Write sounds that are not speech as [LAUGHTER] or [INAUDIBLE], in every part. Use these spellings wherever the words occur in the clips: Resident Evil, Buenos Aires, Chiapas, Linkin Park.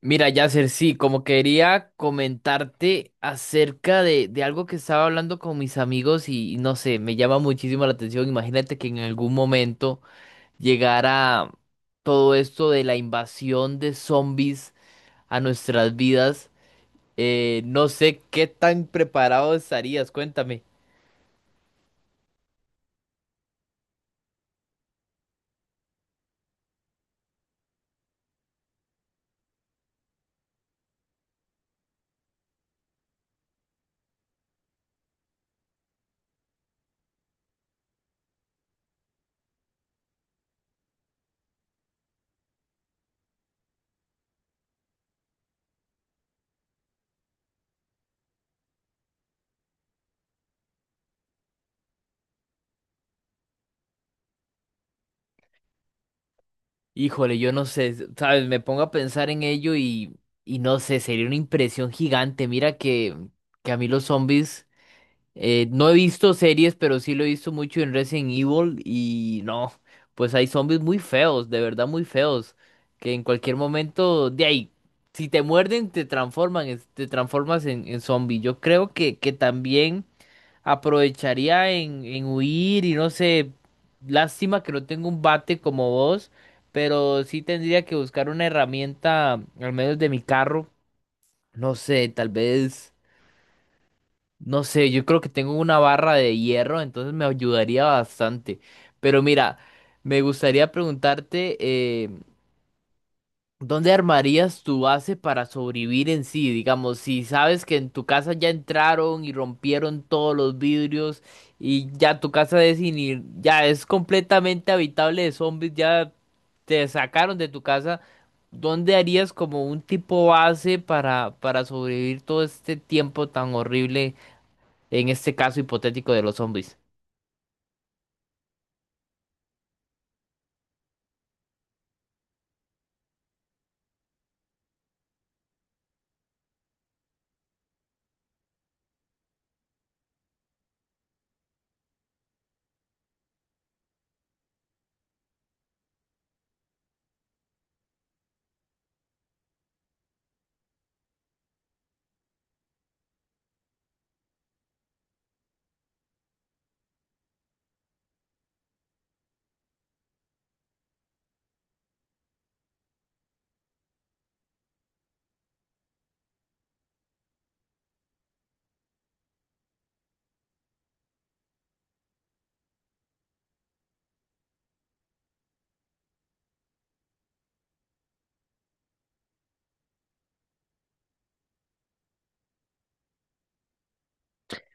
Mira, Yasser, sí, como quería comentarte acerca de algo que estaba hablando con mis amigos y no sé, me llama muchísimo la atención. Imagínate que en algún momento llegara todo esto de la invasión de zombies a nuestras vidas. No sé qué tan preparado estarías, cuéntame. Híjole, yo no sé, sabes, me pongo a pensar en ello y no sé, sería una impresión gigante. Mira que a mí los zombies... No he visto series, pero sí lo he visto mucho en Resident Evil y no, pues hay zombies muy feos, de verdad muy feos, que en cualquier momento de ahí, si te muerden, te transforman, te transformas en zombie. Yo creo que también aprovecharía en huir y no sé, lástima que no tengo un bate como vos, pero sí tendría que buscar una herramienta, al menos de mi carro, no sé, tal vez... No sé, yo creo que tengo una barra de hierro, entonces me ayudaría bastante. Pero mira, me gustaría preguntarte, ¿dónde armarías tu base para sobrevivir en sí? Digamos, si sabes que en tu casa ya entraron y rompieron todos los vidrios y ya tu casa es ya es completamente habitable de zombies, ya te sacaron de tu casa, ¿dónde harías como un tipo base para sobrevivir todo este tiempo tan horrible? En este caso hipotético de los zombies.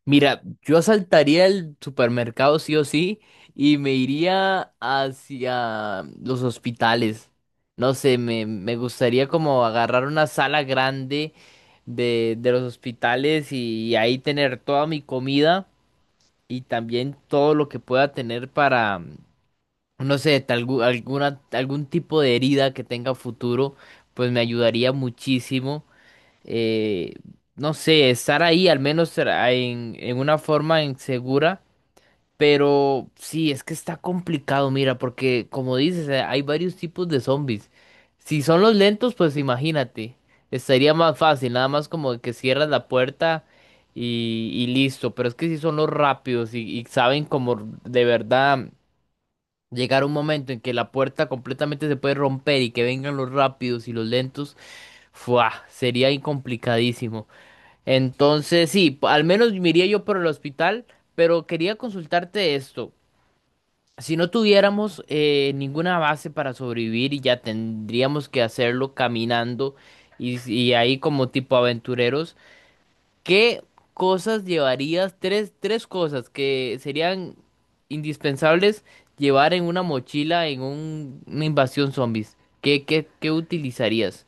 Mira, yo asaltaría el supermercado sí o sí y me iría hacia los hospitales. No sé, me gustaría como agarrar una sala grande de los hospitales y ahí tener toda mi comida y también todo lo que pueda tener para, no sé, tal, alguna, algún tipo de herida que tenga futuro, pues me ayudaría muchísimo. eh, no sé, estar ahí al menos será en una forma insegura, pero sí, es que está complicado, mira, porque como dices, hay varios tipos de zombies. Si son los lentos, pues imagínate, estaría más fácil, nada más como que cierras la puerta y listo, pero es que si son los rápidos y saben como de verdad llegar un momento en que la puerta completamente se puede romper y que vengan los rápidos y los lentos, ¡fua! Sería incomplicadísimo. Entonces, sí, al menos me iría yo por el hospital, pero quería consultarte esto. Si no tuviéramos ninguna base para sobrevivir y ya tendríamos que hacerlo caminando y ahí como tipo aventureros, ¿qué cosas llevarías? Tres cosas que serían indispensables llevar en una mochila en una invasión zombies. Qué utilizarías?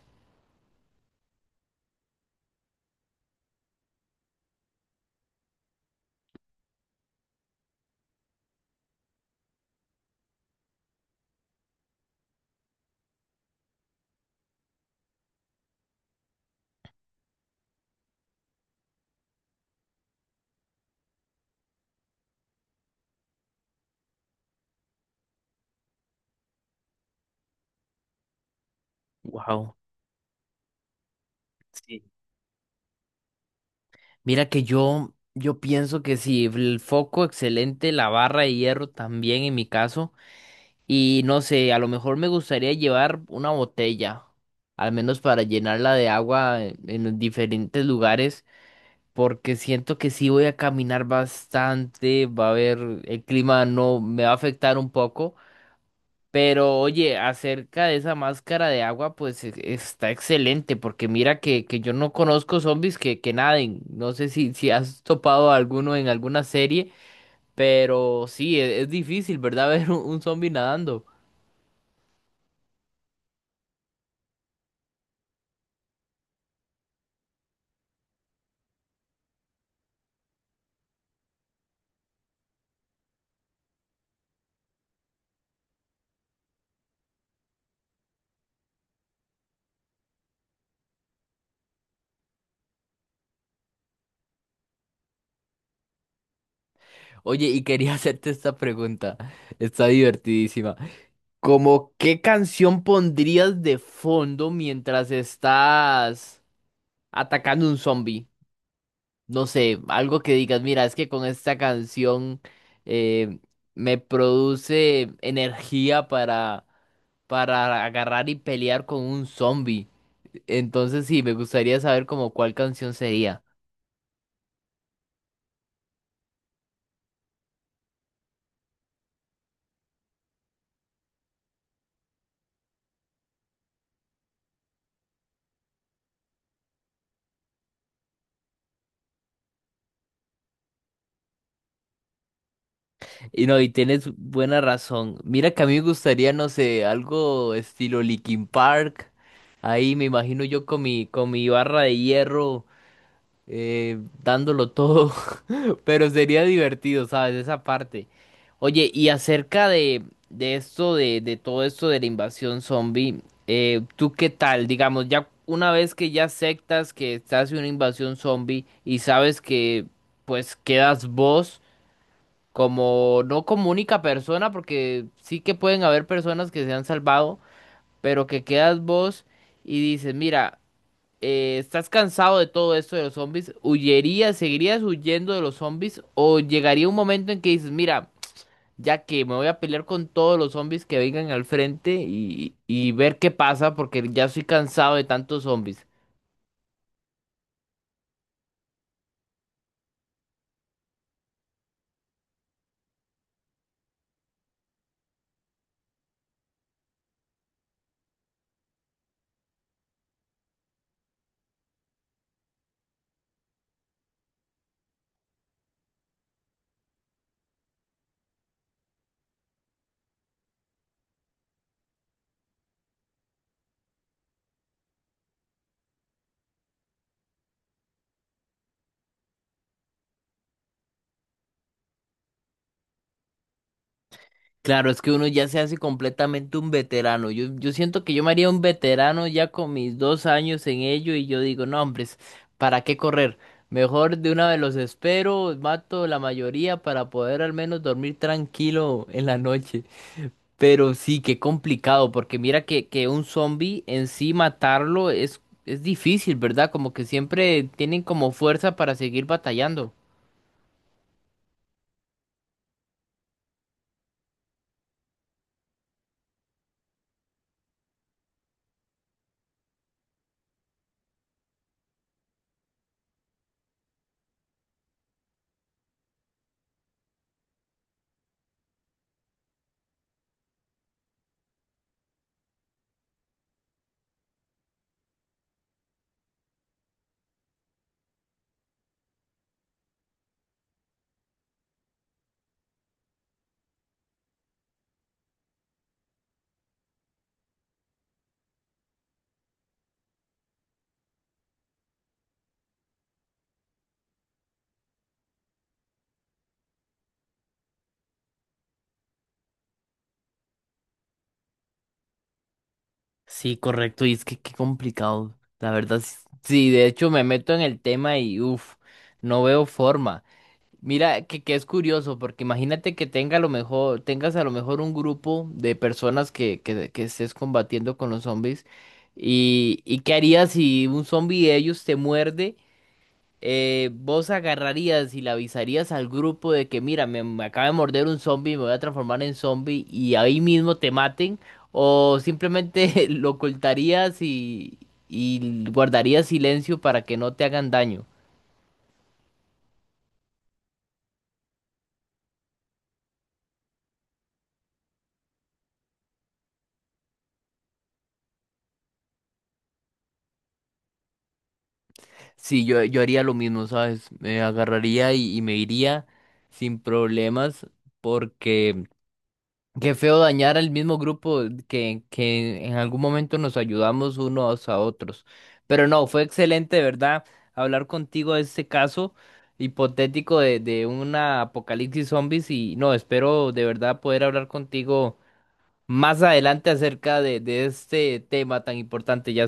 Wow. Mira que yo pienso que si el foco excelente, la barra de hierro también en mi caso, y no sé, a lo mejor me gustaría llevar una botella, al menos para llenarla de agua en los diferentes lugares, porque siento que sí voy a caminar bastante, va a haber, el clima no me va a afectar un poco, pero oye, acerca de esa máscara de agua, pues está excelente, porque mira que yo no conozco zombies que naden. No sé si, si has topado a alguno en alguna serie, pero sí, es difícil, ¿verdad? [LAUGHS] Ver un zombie nadando. Oye, y quería [LAUGHS] hacerte esta pregunta. Está divertidísima. ¿Cómo qué canción pondrías de fondo mientras estás atacando un zombie? No sé, algo que digas, mira, es que con esta canción eh, me produce energía para agarrar y pelear con un zombie. Entonces sí, me gustaría saber como cuál canción sería. Y no, y tienes buena razón. Mira que a mí me gustaría, no sé, algo estilo Linkin Park. Ahí me imagino yo con con mi barra de hierro, dándolo todo, [LAUGHS] pero sería divertido, ¿sabes? Esa parte. Oye, y acerca de, de todo esto de la invasión zombie, ¿tú qué tal? Digamos, ya una vez que ya aceptas que estás en una invasión zombie y sabes que pues quedas vos como, no como única persona, porque sí que pueden haber personas que se han salvado, pero que quedas vos y dices, mira, ¿estás cansado de todo esto de los zombies? ¿Huyerías, seguirías huyendo de los zombies? ¿O llegaría un momento en que dices, mira, ya que me voy a pelear con todos los zombies que vengan al frente y ver qué pasa porque ya estoy cansado de tantos zombies? Claro, es que uno ya se hace completamente un veterano. Yo siento que yo me haría un veterano ya con mis dos años en ello y yo digo, no, hombres, ¿para qué correr? Mejor de una vez los espero, mato la mayoría para poder al menos dormir tranquilo en la noche. Pero sí, qué complicado, porque mira que un zombie en sí matarlo es difícil, ¿verdad? Como que siempre tienen como fuerza para seguir batallando. Sí, correcto, y es que qué complicado. La verdad, sí, de hecho me meto en el tema y uff, no veo forma. Mira que es curioso, porque imagínate que tenga a lo mejor, tengas a lo mejor un grupo de personas que estés combatiendo con los zombies. Y qué harías si un zombie de ellos te muerde? Vos agarrarías y le avisarías al grupo de que, mira, me acaba de morder un zombie, me voy a transformar en zombie y ahí mismo te maten, o simplemente [LAUGHS] lo ocultarías y guardarías silencio para que no te hagan daño. Sí, yo haría lo mismo, ¿sabes? Me agarraría y me iría sin problemas porque... Qué feo dañar al mismo grupo que en algún momento nos ayudamos unos a otros. Pero no, fue excelente, de verdad, hablar contigo de este caso hipotético de una apocalipsis zombies y no, espero de verdad poder hablar contigo más adelante acerca de este tema tan importante, ya